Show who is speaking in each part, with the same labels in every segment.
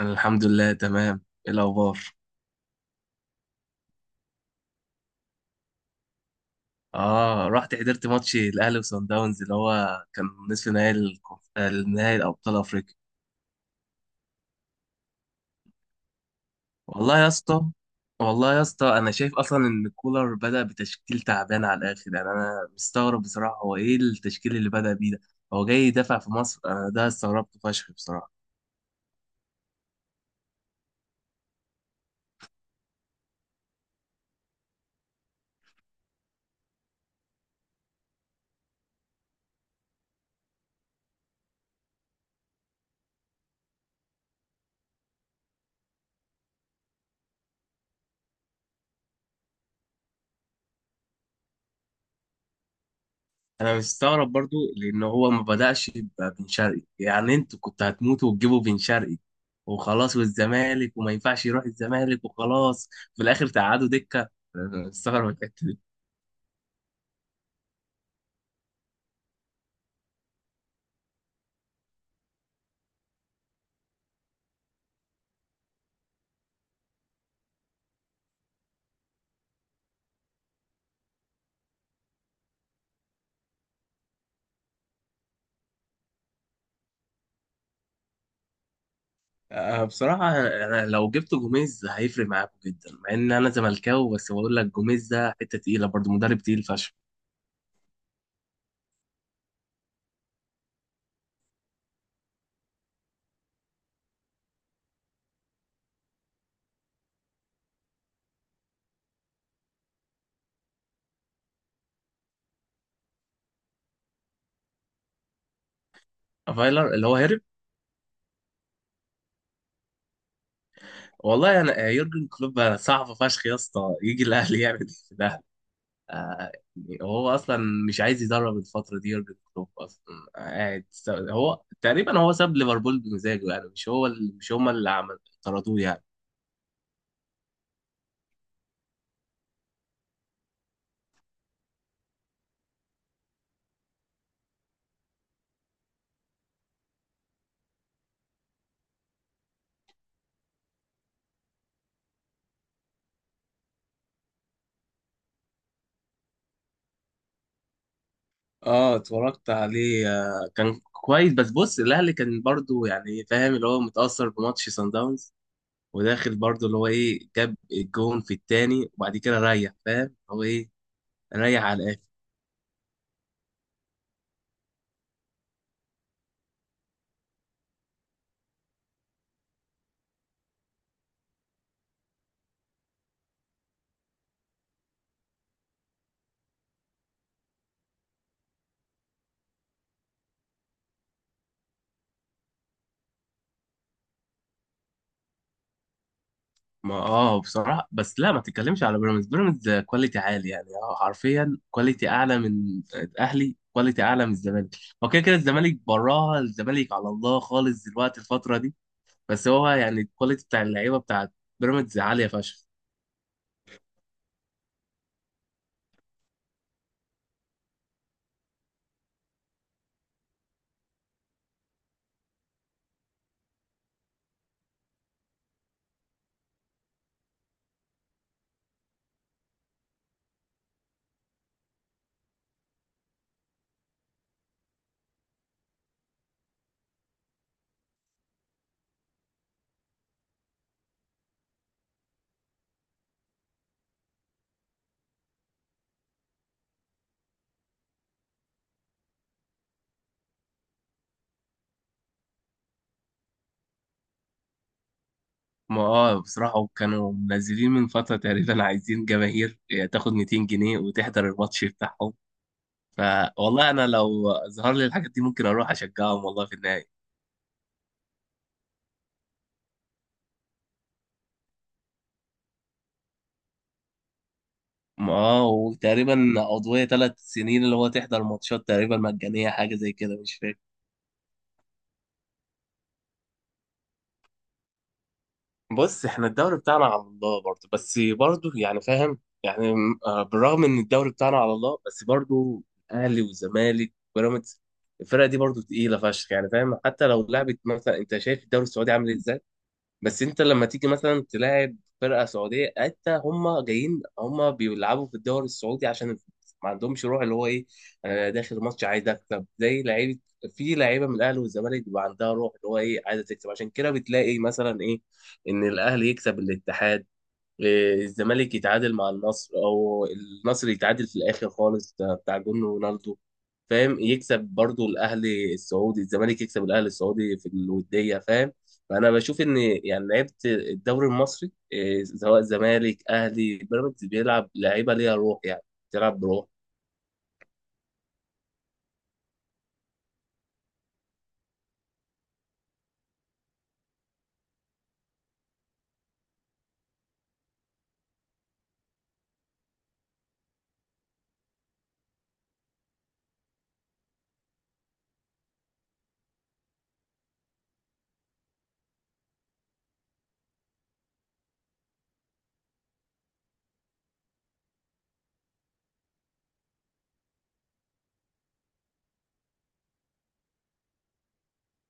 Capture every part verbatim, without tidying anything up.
Speaker 1: أنا الحمد لله تمام. ايه الاخبار؟ اه، رحت حضرت ماتش الاهلي وصن داونز اللي هو كان نصف نهائي الكونف- النهائي الابطال افريقيا. والله يا اسطى والله يا اسطى انا شايف اصلا ان كولر بدأ بتشكيل تعبان على الاخر، يعني انا مستغرب بصراحة، هو ايه التشكيل اللي بدأ بيه ده؟ هو جاي يدافع في مصر، انا ده استغربت فشخ بصراحة. انا مستغرب برضو لان هو ما بدأش ببن شرقي، يعني انتوا كنتوا هتموتوا وتجيبوا بن شرقي وخلاص، والزمالك وما ينفعش يروح الزمالك وخلاص في الاخر تقعدوا دكة. أنا مستغرب الحتة دي. أه، بصراحة أنا لو جبت جوميز هيفرق معاكم جدا، مع إن أنا زملكاوي بس بقول لك جوميز ده حتة تقيلة برضه، مدرب تقيل فشخ. فايلر اللي هو هرب؟ والله أنا، آه، يورجن كلوب صعب فشخ يا اسطى، يجي الأهلي يعمل إيه في الأهلي؟ آه، هو اصلا مش عايز يدرب الفتره دي يورجن كلوب اصلا. قاعد، س- هو تقريبا هو ساب ليفربول بمزاجه، يعني مش هو اللي مش هما اللي عمل طردوه يعني. اه، اتفرجت عليه. آه، كان كويس بس بص الاهلي كان برضو، يعني فاهم اللي هو متاثر بماتش سان داونز، وداخل برضو اللي هو ايه جاب الجون في التاني، وبعد كده ريح فاهم هو ايه، ريح على الاخر. ما اه بصراحة بس لا، ما تتكلمش على بيراميدز. بيراميدز كواليتي عالي يعني، آه، حرفيا كواليتي اعلى من الاهلي، كواليتي اعلى من الزمالك. هو كده كده الزمالك براها، الزمالك على الله خالص دلوقتي الفترة دي. بس هو يعني الكواليتي بتاع اللعيبة بتاعت بيراميدز عالية فشخ. ما اه بصراحة كانوا منزلين من فترة تقريبا، عايزين جماهير تاخد مئتين جنيه وتحضر الماتش بتاعهم. فوالله انا لو ظهر لي الحاجات دي ممكن اروح اشجعهم والله في النهاية. اه، وتقريبا عضوية ثلاث سنين اللي هو تحضر ماتشات تقريبا مجانية، حاجة زي كده مش فاكر. بص احنا الدوري بتاعنا على الله برضه، بس برضه يعني فاهم يعني، م- آه، بالرغم ان الدوري بتاعنا على الله بس برضه الاهلي والزمالك وبيراميدز الفرقة دي برضه تقيلة فشخ، يعني فاهم حتى لو لعبت مثلا. انت شايف الدوري السعودي عامل ازاي؟ بس انت لما تيجي مثلا تلاعب فرقه سعوديه، حتى هم جايين هم بيلعبوا في الدوري السعودي عشان الفلوس، ما عندهمش روح اللي هو ايه. انا داخل ماتش عايز اكسب. زي لعيبه، في لعيبه من الاهلي والزمالك بيبقى عندها روح اللي هو ايه، عايزه تكسب. عشان كده بتلاقي مثلا ايه، ان الاهلي يكسب الاتحاد، آه، الزمالك يتعادل مع النصر، او النصر يتعادل في الاخر خالص ده بتاع جون رونالدو فاهم، يكسب برضو الاهلي السعودي، الزمالك يكسب الاهلي السعودي في الوديه فاهم. فانا بشوف ان يعني لعيبه الدوري المصري، آه، سواء زمالك اهلي بيراميدز، بيلعب لعيبه ليها روح يعني، بتلعب بروح.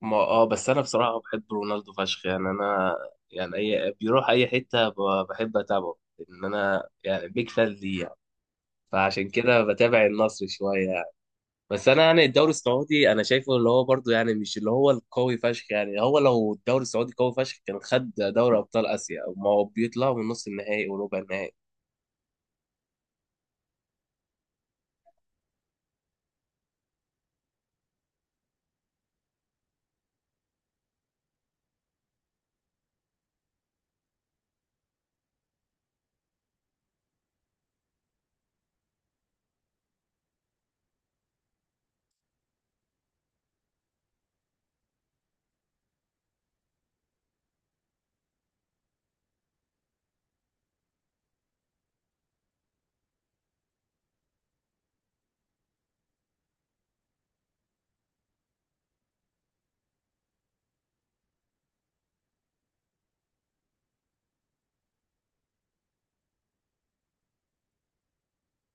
Speaker 1: ما اه بس انا بصراحه بحب رونالدو فشخ، يعني انا يعني اي بيروح اي حته ب- بحب اتابعه، ان انا يعني بيك فان ليه يعني. فعشان كده بتابع النصر شويه. بس انا يعني الدوري السعودي انا شايفه اللي هو برضو يعني مش اللي هو القوي فشخ يعني، هو لو الدوري السعودي قوي فشخ كان خد دوري ابطال اسيا، ما هو بيطلعوا من نص النهائي وربع النهائي.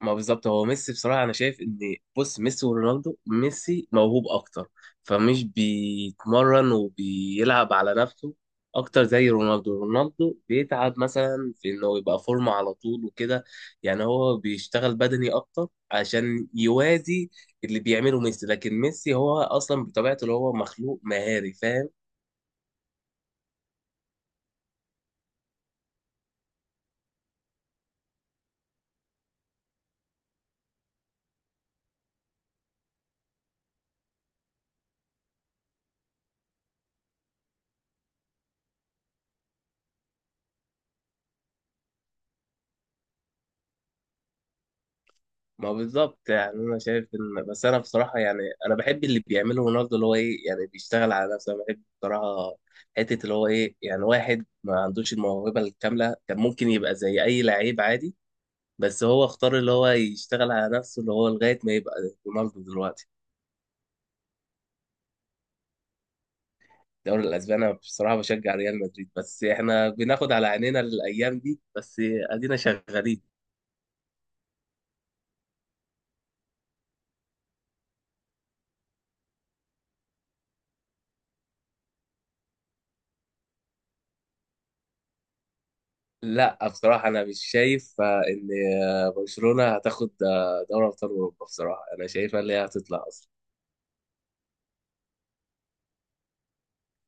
Speaker 1: ما بالظبط، هو ميسي بصراحة أنا شايف إن، بص ميسي ورونالدو، ميسي موهوب أكتر، فمش بيتمرن وبيلعب على نفسه أكتر زي رونالدو. رونالدو بيتعب مثلا في إنه يبقى فورمة على طول وكده، يعني هو بيشتغل بدني أكتر عشان يوازي اللي بيعمله ميسي. لكن ميسي هو أصلا بطبيعته اللي هو مخلوق مهاري فاهم. ما بالظبط، يعني انا شايف ان، بس انا بصراحه يعني، انا بحب اللي بيعمله رونالدو اللي هو ايه، يعني بيشتغل على نفسه. انا بحب بصراحه حته اللي هو ايه، يعني واحد ما عندوش الموهبه الكامله كان ممكن يبقى زي اي لعيب عادي، بس هو اختار اللي هو يشتغل على نفسه اللي هو لغايه ما يبقى رونالدو دلوقتي. الدوري الاسباني انا بصراحه بشجع ريال مدريد، بس احنا بناخد على عينينا الايام دي، بس ادينا شغالين. لا، بصراحة أنا مش شايف آه، إن آه، برشلونة هتاخد آه، دوري أبطال أوروبا بصراحة. أنا شايفها اللي هي هتطلع أصلا.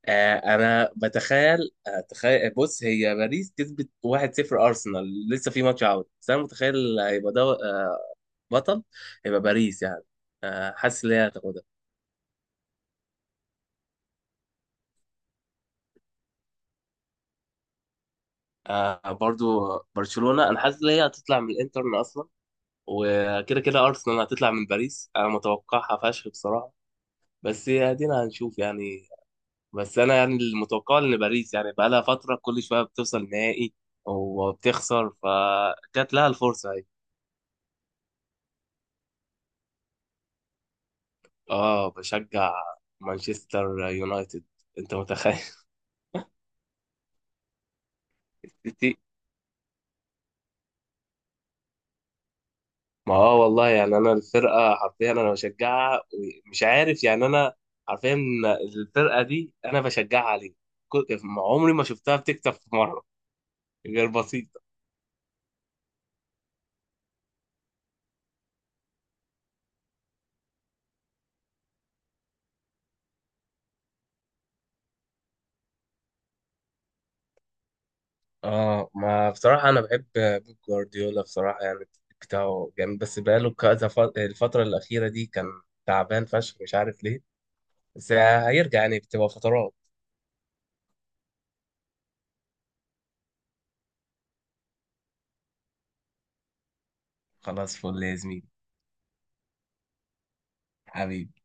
Speaker 1: آه، أنا بتخيل أتخيل، بص هي باريس كسبت واحد صفر أرسنال لسه في ماتش عودة، بس أنا متخيل هيبقى ده آه، بطل، هيبقى باريس يعني، آه، حاسس إن هي هتاخدها. آه، برضو برشلونة أنا حاسس إن هي هتطلع من الإنتر أصلا. وكده كده أرسنال هتطلع من باريس أنا متوقعها فشخ بصراحة. بس ادينا هنشوف يعني. بس انا يعني المتوقع ان باريس يعني بقى لها فتره كل شويه بتوصل نهائي وبتخسر، فجات لها الفرصه اهي. اه، بشجع مانشستر يونايتد. انت متخيل؟ سيتي. ما اه والله يعني انا الفرقه حرفيا انا بشجعها، مش عارف يعني انا حرفيا الفرقه دي انا بشجعها ليه. كل- عمري ما شفتها بتكسب في مره، غير بسيط. اه، ما بصراحة أنا بحب بيب جوارديولا بصراحة، يعني التكتيك بتاعه جامد، بس بقاله كذا ف- الفترة الأخيرة دي كان تعبان فشخ مش عارف ليه. بس هيرجع يعني بتبقى فترات. خلاص، فل يا زميلي. حبيبي.